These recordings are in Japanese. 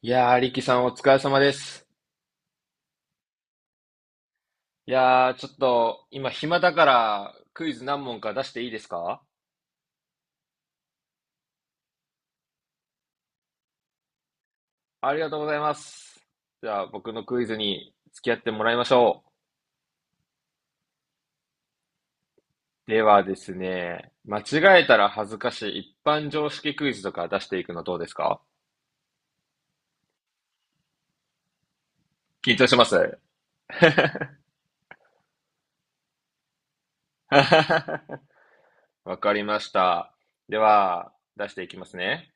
いやー、リキさんお疲れ様です。いやー、ちょっと今暇だからクイズ何問か出していいですか？ありがとうございます。じゃあ僕のクイズに付き合ってもらいましょう。ではですね、間違えたら恥ずかしい一般常識クイズとか出していくのどうですか？緊張します。わかりました。では、出していきますね。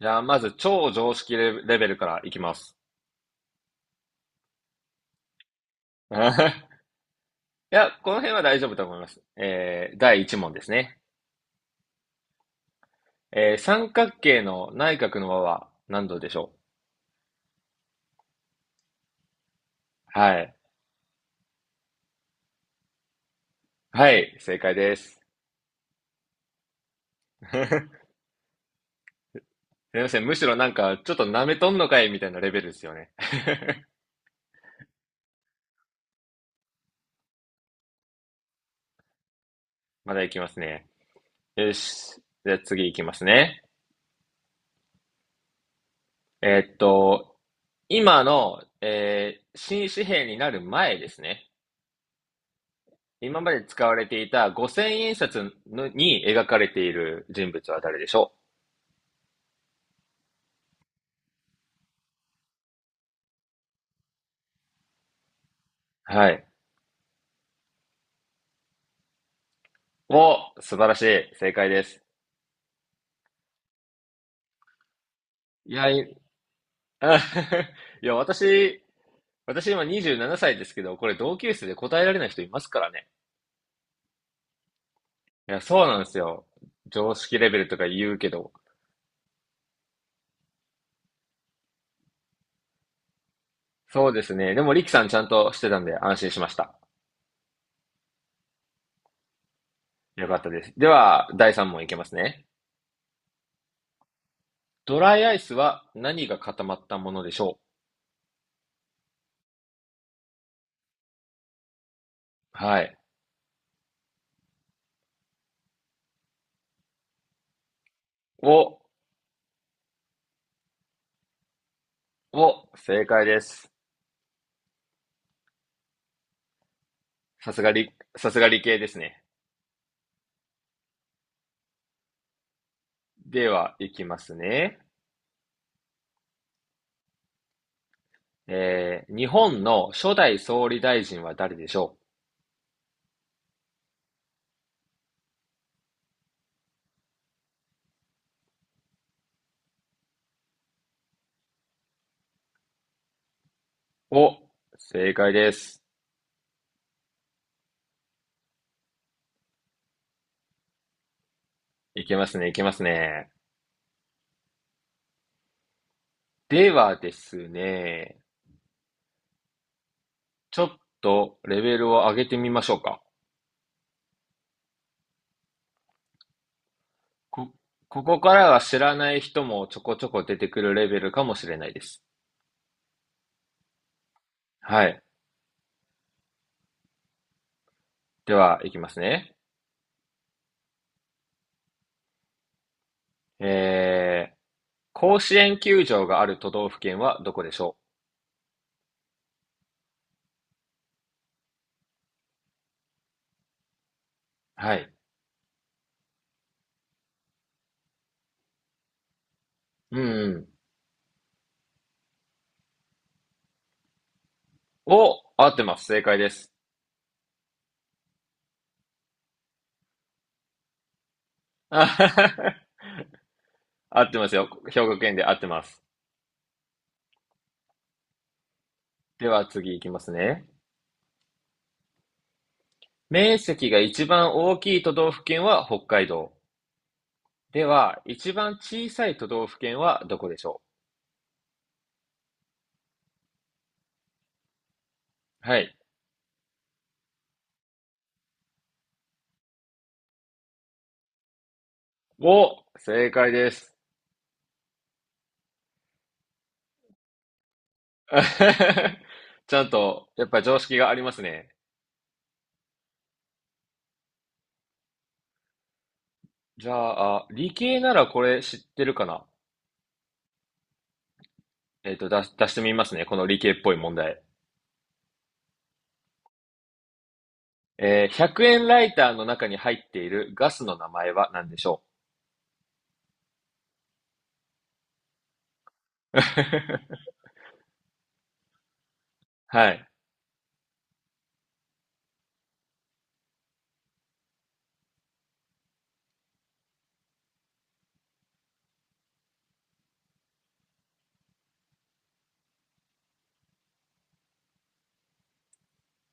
じゃあまず超常識レレベルからいきます。いや、この辺は大丈夫だと思います。第1問ですね。三角形の内角の和は何度でしょう？はい。はい、正解です。すみません。むしろなんか、ちょっと舐めとんのかいみたいなレベルですよね。まだいきますね。よし。じゃあ次いきますね。えーっと、今の、新紙幣になる前ですね。今まで使われていた五0 0 0円札のに描かれている人物は誰でしょう？はい。お、素晴らしい。正解です。いや、い いや、私、私今27歳ですけど、これ同級生で答えられない人いますからね。いや、そうなんですよ。常識レベルとか言うけど。そうですね。でも、リキさんちゃんとしてたんで安心しました。よかったです。では、第3問いけますね。ドライアイスは何が固まったものでしょう？はい。お、正解です。さすが理、さすが理系ですね。では、いきますね。えー、日本の初代総理大臣は誰でしょう？お、正解です。いけますね、いけますね。ではですね、ちょっとレベルを上げてみましょうか。こ、ここからは知らない人もちょこちょこ出てくるレベルかもしれないです。はい。では、いきますね。えー、甲子園球場がある都道府県はどこでしょう？はい。うんうん。お、合ってます。正解です。あははは合ってますよ。兵庫県で合ってます。では次いきますね。面積が一番大きい都道府県は北海道。では、一番小さい都道府県はどこでしょう？はい。お、正解です。ちゃんと、やっぱ常識がありますね。じゃあ、あ理系ならこれ知ってるかな？出してみますね。この理系っぽい問題。100円ライターの中に入っているガスの名前は何でしょう？ はい。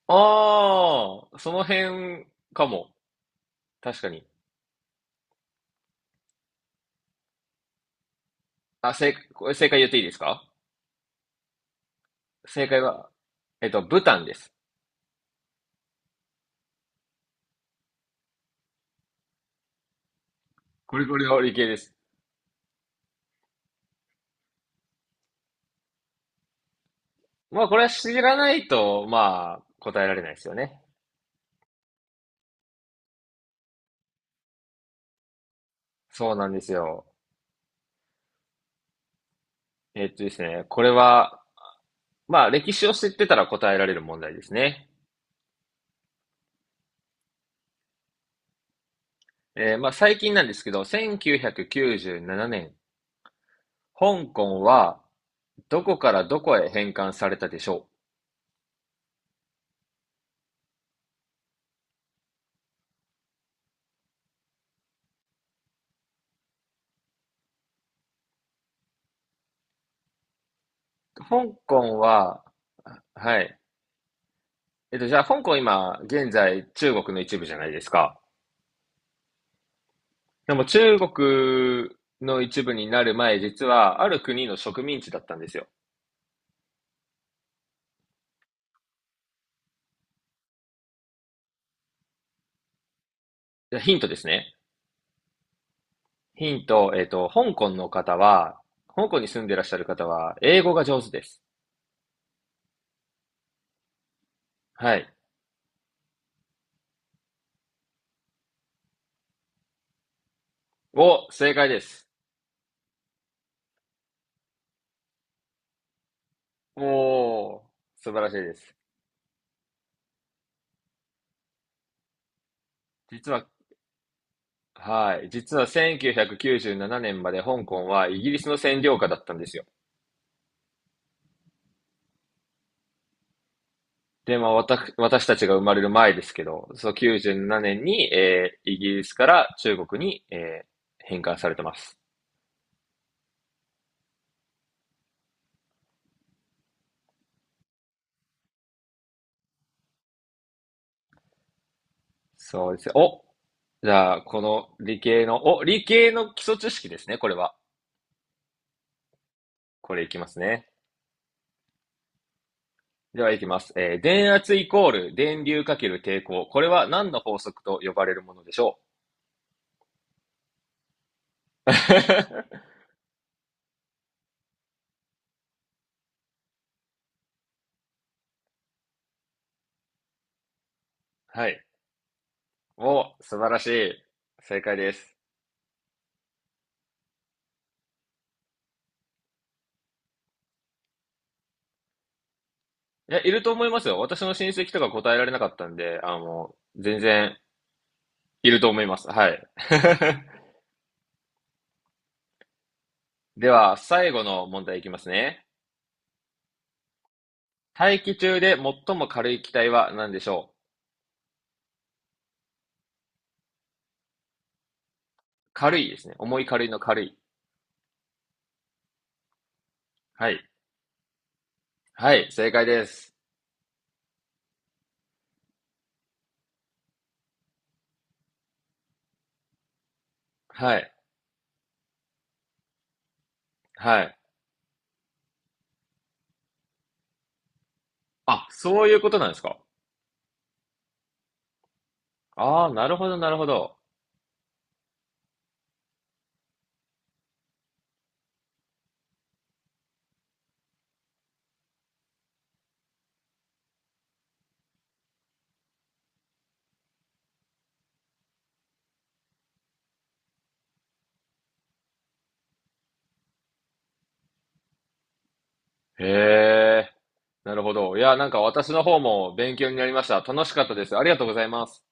ああ、その辺かも。確かに。これ正解言っていいですか？正解は、ブタンです。これの理系です。まあ、これは知らないと、まあ、答えられないですよね。そうなんですよ。えっとですね、これは、まあ、歴史を知ってたら答えられる問題ですね。最近なんですけど、1997年、香港はどこからどこへ返還されたでしょう？香港は、はい。じゃあ、香港今、現在中国の一部じゃないですか。でも中国の一部になる前、実はある国の植民地だったんですよ。じゃあヒントですね。ヒント、えっと、香港の方は、香港に住んでいらっしゃる方は、英語が上手です。はい。お、正解です。おー、素晴らしいです。実は、はい。実は1997年まで香港はイギリスの占領下だったんですよ。で、まあ、私たちが生まれる前ですけど、そう97年に、イギリスから中国に、返還されてます。そうですよ。じゃあ、この理系の基礎知識ですね、これは。これいきますね。では、いきます。えー電圧イコール電流かける抵抗。これは何の法則と呼ばれるものでしょう？ はい。お、素晴らしい。正解です。いや、いると思いますよ。私の親戚とか答えられなかったんで、あの、全然いると思います。はい。では、最後の問題いきますね。大気中で最も軽い気体は何でしょう？軽いですね。重い軽いの軽い。はい。はい、正解です。はい。はい。あ、そういうことなんですか？ああ、なるほど、なるほど。へえ、なるほど。いや、なんか私の方も勉強になりました。楽しかったです。ありがとうございます。